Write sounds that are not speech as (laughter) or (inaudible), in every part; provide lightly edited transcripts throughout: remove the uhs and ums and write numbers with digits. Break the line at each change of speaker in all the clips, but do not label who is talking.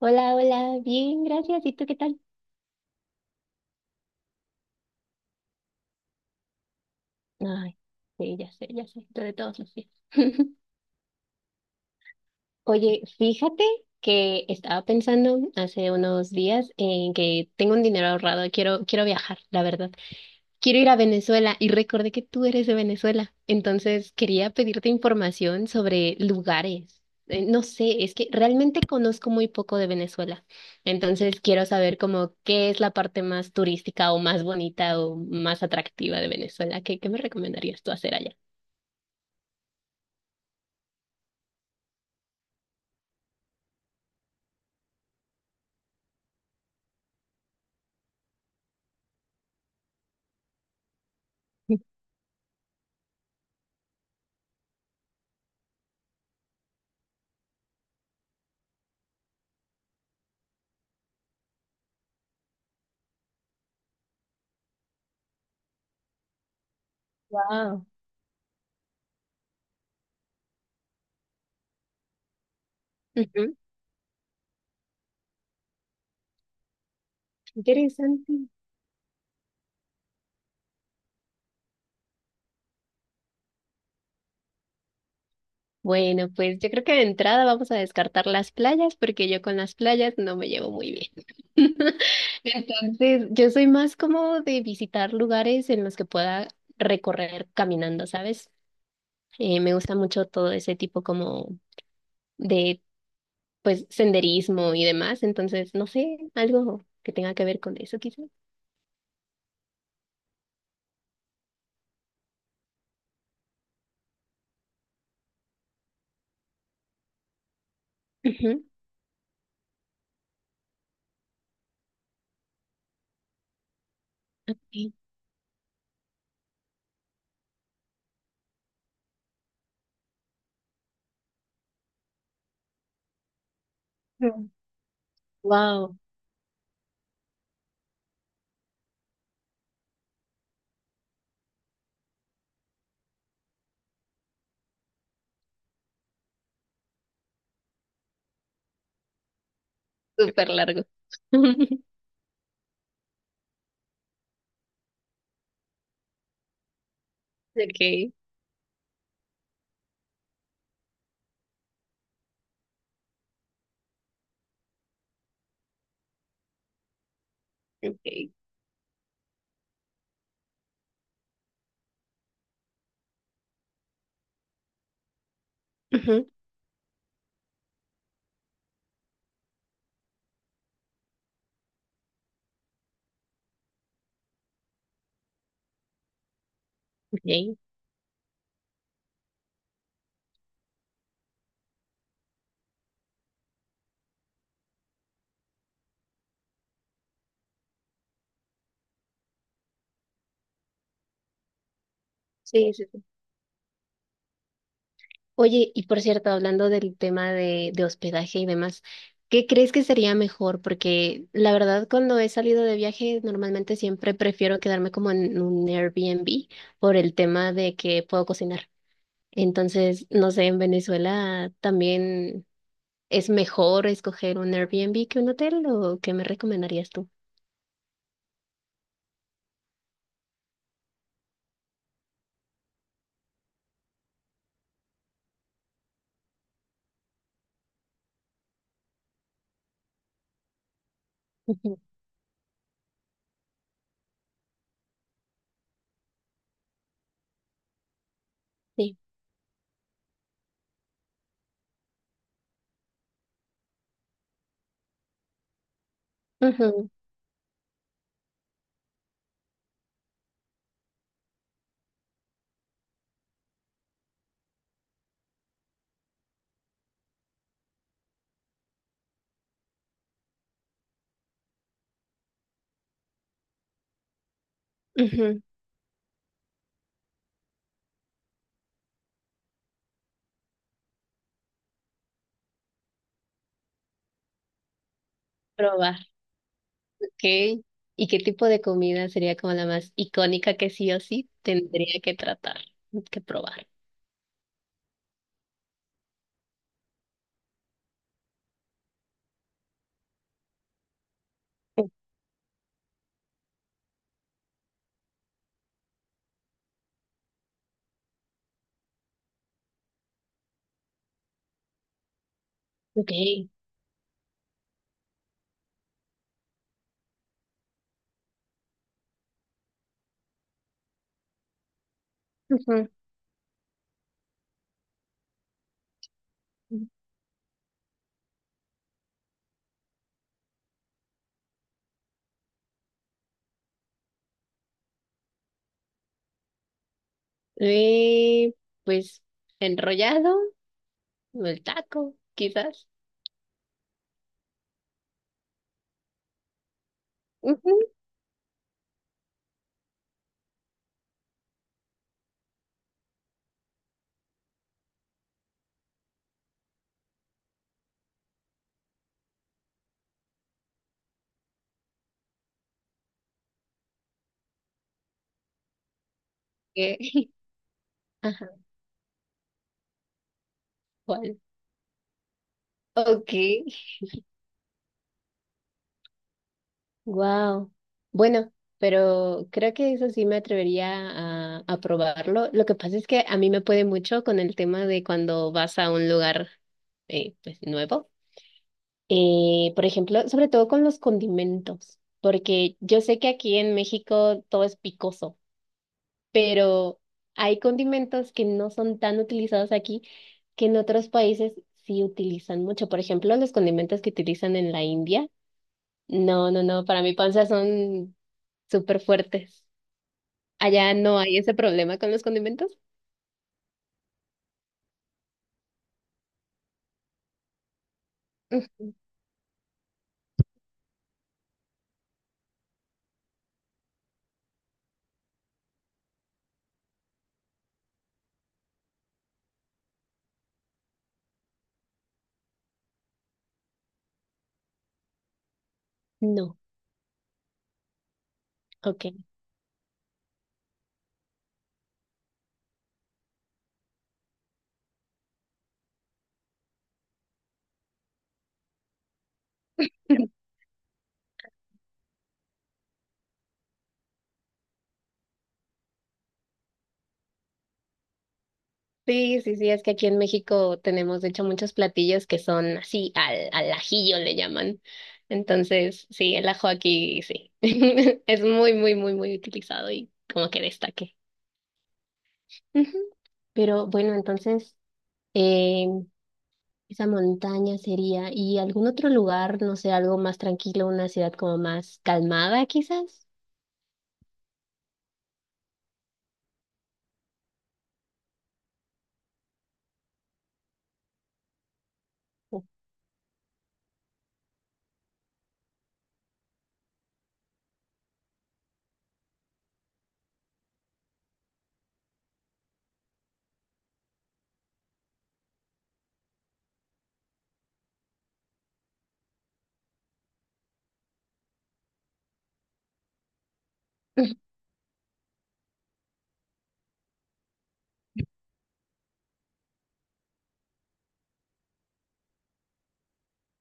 Hola, hola, bien, gracias. ¿Y tú qué tal? Ay, sí, ya sé, tú de todos los días. (laughs) Oye, fíjate que estaba pensando hace unos días en que tengo un dinero ahorrado, quiero viajar, la verdad. Quiero ir a Venezuela y recordé que tú eres de Venezuela, entonces quería pedirte información sobre lugares. No sé, es que realmente conozco muy poco de Venezuela, entonces quiero saber como qué es la parte más turística o más bonita o más atractiva de Venezuela. ¿Qué me recomendarías tú hacer allá? Wow, interesante. Bueno, pues yo creo que de entrada vamos a descartar las playas porque yo con las playas no me llevo muy bien. (laughs) Entonces, yo soy más como de visitar lugares en los que pueda recorrer caminando, ¿sabes? Me gusta mucho todo ese tipo como de, pues, senderismo y demás. Entonces, no sé, algo que tenga que ver con eso, quizás. Ujú. Wow, súper largo. (laughs) Okay, okay. Ujú, ok. Sí, sí, sí. Oye, y por cierto, hablando del tema de hospedaje y demás, ¿qué crees que sería mejor? Porque la verdad, cuando he salido de viaje, normalmente siempre prefiero quedarme como en un Airbnb por el tema de que puedo cocinar. Entonces, no sé, en Venezuela también es mejor escoger un Airbnb que un hotel, ¿o qué me recomendarías tú? Ujú. (laughs) Sí. Ujú, ujú. Probar. Ok. ¿Y qué tipo de comida sería como la más icónica que sí o sí tendría que tratar, que probar? Ok. Ujú. Eh, pues enrollado, o el taco, quizás. Ujú. Eh, (laughs) Ajá, ¿cuál? Ok, wow. Bueno, pero creo que eso sí me atrevería a probarlo. Lo que pasa es que a mí me puede mucho con el tema de cuando vas a un lugar pues, nuevo. Por ejemplo, sobre todo con los condimentos, porque yo sé que aquí en México todo es picoso, pero hay condimentos que no son tan utilizados aquí que en otros países sí utilizan mucho. Por ejemplo, los condimentos que utilizan en la India, no, no, no, para mi panza son súper fuertes. Allá no hay ese problema con los condimentos. Ujú. No, ok. (laughs) Sí, sí, sí, es que aquí en México tenemos de hecho muchos platillos que son así, al, al ajillo le llaman. Entonces, sí, el ajo aquí sí. (laughs) Es muy, muy, muy, muy utilizado y como que destaque. Ujú. Pero bueno, entonces, eh, esa montaña sería, ¿y algún otro lugar, no sé, algo más tranquilo, una ciudad como más calmada quizás? (laughs)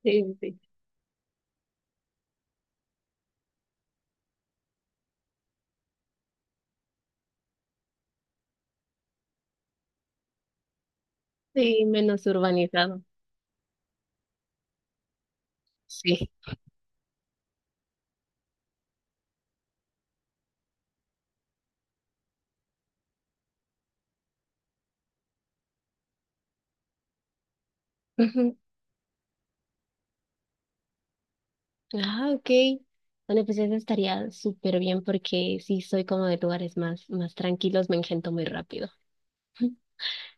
Sí, sí, sí, menos urbanizado. Sí. (laughs) Ah, ok. Bueno, pues eso estaría súper bien porque sí soy como de lugares más, más tranquilos, me engento muy rápido. (laughs)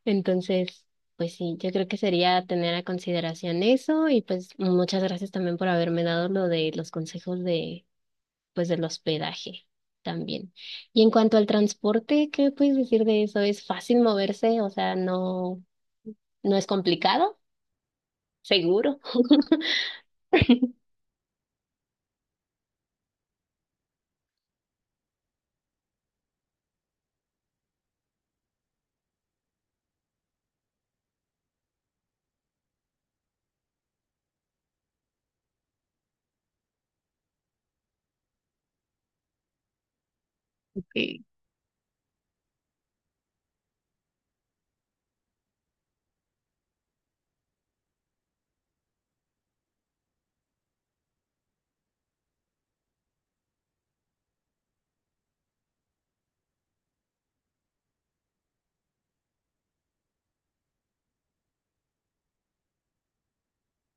Entonces, pues sí, yo creo que sería tener a consideración eso y pues muchas gracias también por haberme dado lo de los consejos de, pues del hospedaje también. Y en cuanto al transporte, ¿qué puedes decir de eso? ¿Es fácil moverse? O sea, no, no es complicado, seguro. Sí.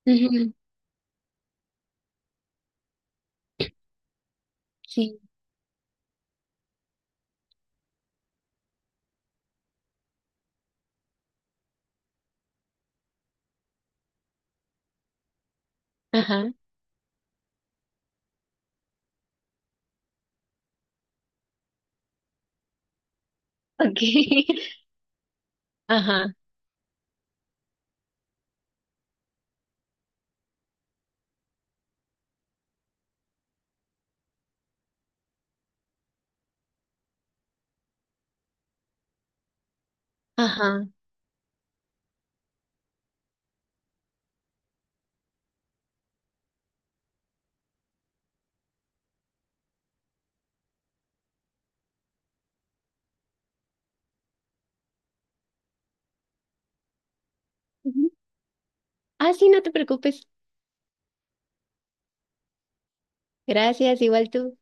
Ujú, (laughs) Sí, ajá, Ok. (laughs) ajá, ajá. Ujú. Ah, sí, no te preocupes. Gracias, igual tú.